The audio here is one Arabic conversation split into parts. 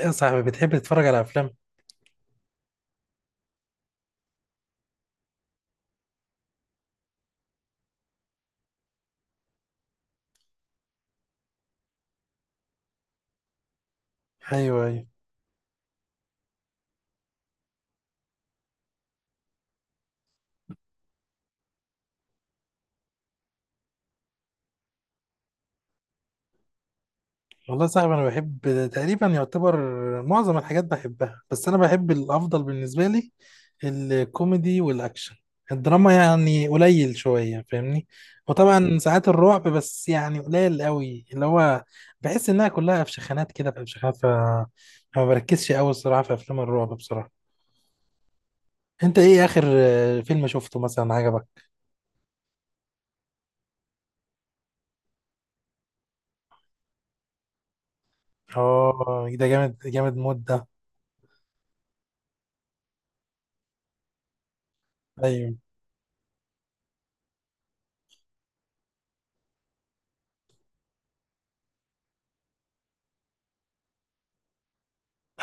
يا صاحبي، بتحب تتفرج على افلام؟ ايوه، ايوه. والله يا صاحبي، انا بحب تقريبا يعتبر معظم الحاجات، بحبها. بس انا بحب الافضل بالنسبه لي الكوميدي والاكشن. الدراما يعني قليل شويه، فاهمني. وطبعا ساعات الرعب، بس يعني قليل قوي، اللي هو بحس انها كلها فشخانات كده فشخانات، ما بركزش قوي الصراحه في افلام الرعب بصراحه. انت ايه اخر فيلم شفته مثلا عجبك؟ اه، ده جامد جامد مده. ايوه،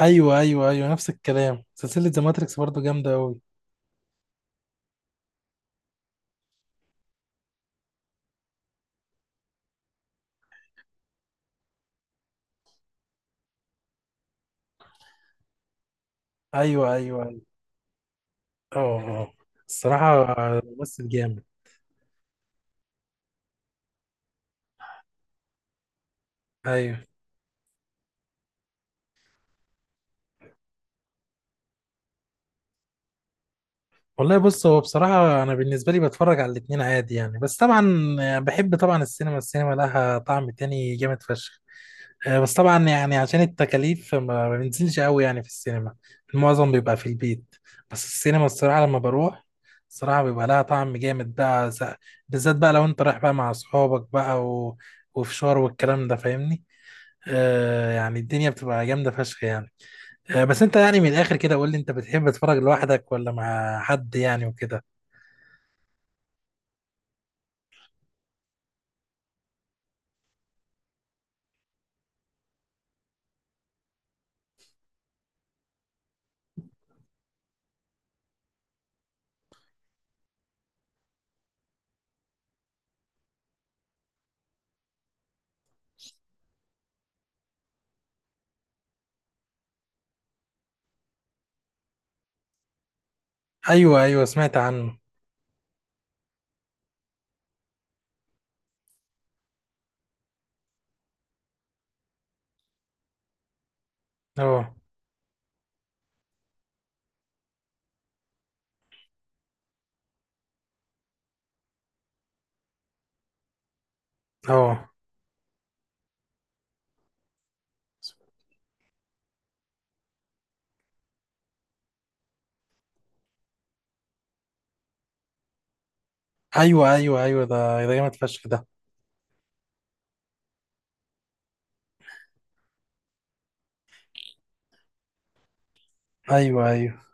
ايوه، ايوه، ايوه، نفس الكلام. سلسله ذا ماتريكس برضو جامده قوي. ايوه، ايوه، ايوه. اه، اه. الصراحه ممثل جامد. ايوه. والله بص، هو بصراحه انا بالنسبه لي بتفرج على الاتنين عادي يعني، بس طبعا بحب طبعا السينما. السينما لها طعم تاني جامد فشخ. بس طبعا يعني عشان التكاليف ما ما بنزلش قوي يعني في السينما. المعظم بيبقى في البيت. بس السينما الصراحة لما بروح الصراحة بيبقى لها طعم جامد بقى، بالذات بقى لو انت رايح بقى مع اصحابك بقى و... وفشار والكلام ده فاهمني. يعني الدنيا بتبقى جامدة فشخ يعني. بس انت يعني من الاخر كده قول لي، انت بتحب تتفرج لوحدك ولا مع حد يعني وكده؟ ايوه، ايوه، سمعت عنه. اه، اه. ايوه، ايوه، ايوه، ده جامد فشخ ده. ايوه، ايوه.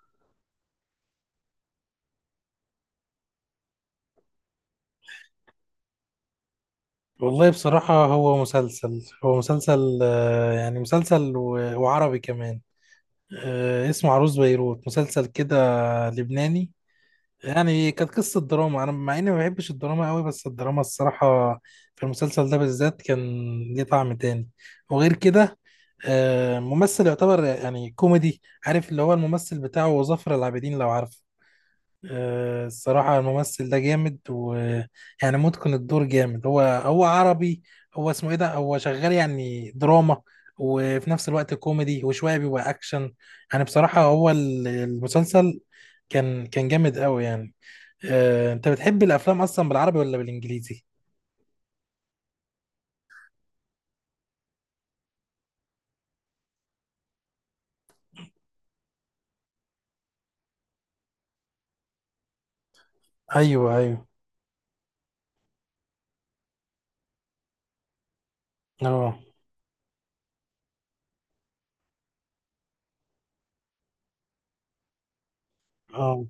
والله بصراحة هو مسلسل، يعني مسلسل و- وعربي كمان. اسمه عروس بيروت، مسلسل كده لبناني. يعني كانت قصة دراما. أنا مع إني ما بحبش الدراما قوي، بس الدراما الصراحة في المسلسل ده بالذات كان ليه طعم تاني. وغير كده، ممثل يعتبر يعني كوميدي، عارف اللي هو الممثل بتاعه ظافر العابدين لو عارف. الصراحة الممثل ده جامد، ويعني متقن الدور جامد. هو هو عربي. هو اسمه ايه ده، هو شغال يعني دراما وفي نفس الوقت كوميدي، وشوية بيبقى أكشن. يعني بصراحة هو المسلسل كان جامد قوي يعني. أنت بتحب الأفلام أصلا بالعربي ولا بالإنجليزي؟ أيوه، أيوه. أه، أه.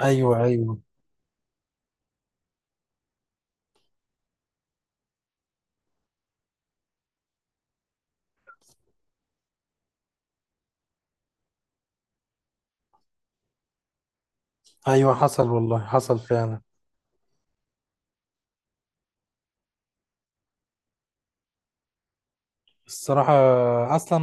أيوه، أيوه، أيوه، حصل والله، حصل فعلا. الصراحة أصلا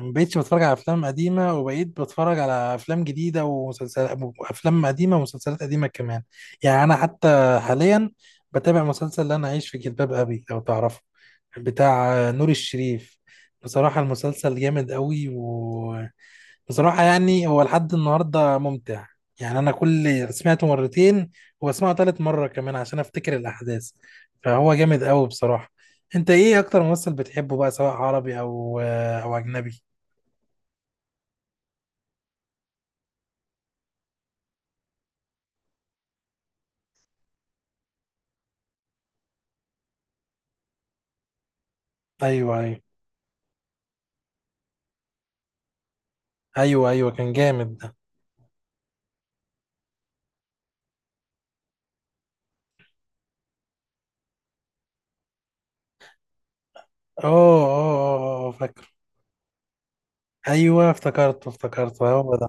ما بقتش بتفرج على أفلام قديمة، وبقيت بتفرج على أفلام جديدة ومسلسلات. أفلام قديمة ومسلسلات قديمة كمان. يعني أنا حتى حاليا بتابع مسلسل، اللي أنا عايش في جلباب أبي، لو تعرفه، بتاع نور الشريف. بصراحة المسلسل جامد قوي. بصراحة يعني هو لحد النهاردة ممتع. يعني أنا كل سمعته مرتين، وبسمعه تالت مرة كمان عشان أفتكر الأحداث. فهو جامد أوي بصراحة. أنت إيه أكتر ممثل بتحبه بقى، سواء عربي أو أجنبي؟ أيوه، أيوه، أيوه. أيوه، كان جامد ده. أه، أه. أه، أه، فاكر. أيوه، افتكرته افتكرته، هو ده.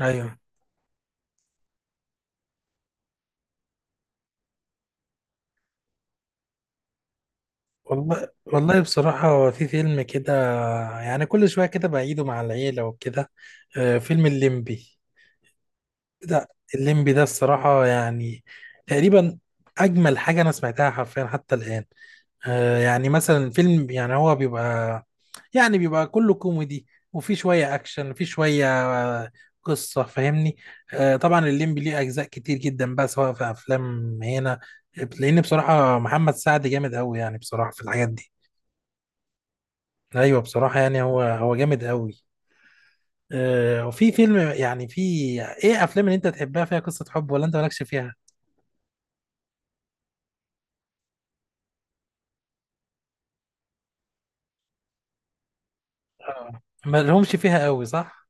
أيوه. والله، والله بصراحة هو في فيلم كده، يعني كل شوية كده بعيده مع العيلة وكده، فيلم الليمبي ده. الليمبي ده الصراحة يعني تقريبا أجمل حاجة أنا سمعتها حرفيا حتى الآن. يعني مثلا فيلم، يعني هو بيبقى، يعني بيبقى كله كوميدي، وفي شوية أكشن، وفي شوية آه قصة، فاهمني. طبعا الليمبي ليه أجزاء كتير جدا بقى سواء في أفلام هنا، لأن بصراحة محمد سعد جامد أوي، يعني بصراحة في الحاجات دي. أيوه، بصراحة يعني هو هو جامد أوي. وفي فيلم يعني، في إيه أفلام اللي أنت تحبها فيها قصة حب، ولا أنت مالكش فيها؟ اه، ما لهمش فيها قوي، صح.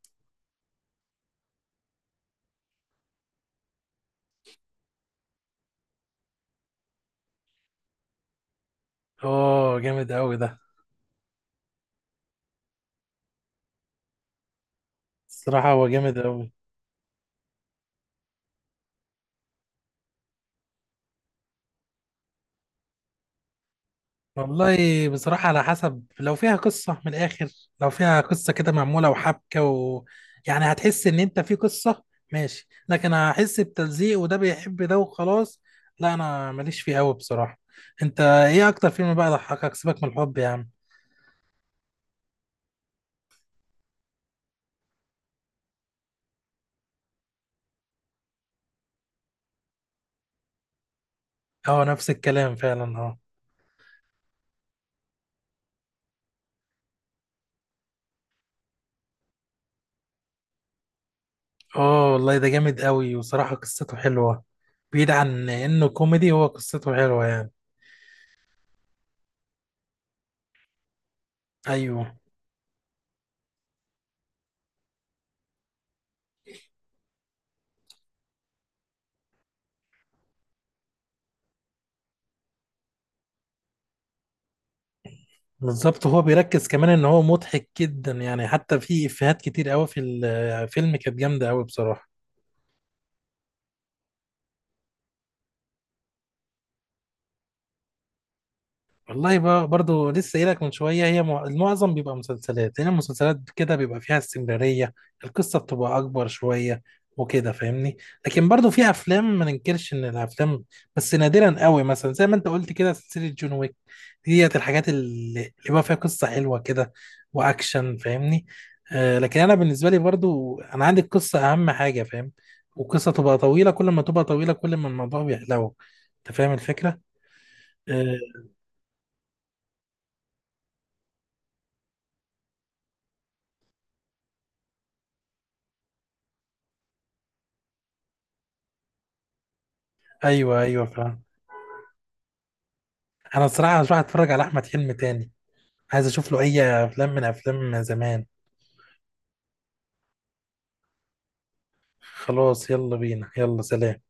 اوه، جامد قوي ده. الصراحة هو جامد قوي. والله بصراحة على حسب، لو فيها قصة من الآخر، لو فيها قصة كده معمولة وحبكة يعني هتحس إن أنت في قصة، ماشي. لكن هحس بتلزيق، وده بيحب ده وخلاص. لا، أنا ماليش فيه قوي بصراحة. أنت إيه أكتر فيلم بقى ضحكك، سيبك من الحب يا عم. أه، نفس الكلام فعلا، أه. أه والله، ده جامد قوي، وصراحة قصته حلوة. بعيد عن إنه كوميدي، هو قصته حلوة يعني. ايوه، بالظبط. هو بيركز كمان ان هو مضحك جدا يعني، حتى في افيهات كتير قوي في الفيلم كانت جامده قوي بصراحه. والله بقى برضو لسه قايلك من شويه، هي المعظم بيبقى مسلسلات، لان المسلسلات كده بيبقى فيها استمراريه. القصه بتبقى اكبر شويه وكده، فاهمني. لكن برضو في افلام، ما ننكرش ان الافلام، بس نادرا قوي، مثلا زي ما انت قلت كده سلسله جون ويك. ديت الحاجات اللي بقى فيها قصة حلوة كده وأكشن، فاهمني. لكن أنا بالنسبة لي برضو أنا عندي القصة أهم حاجة، فاهم. والقصة تبقى طويلة، كل ما تبقى طويلة كل ما الموضوع بيحلو. أنت فاهم الفكرة؟ آه. أيوه، أيوه، فاهم. أنا الصراحة هروح أتفرج على أحمد حلمي تاني. عايز أشوف له أي أفلام من أفلام زمان. خلاص، يلا بينا، يلا سلام.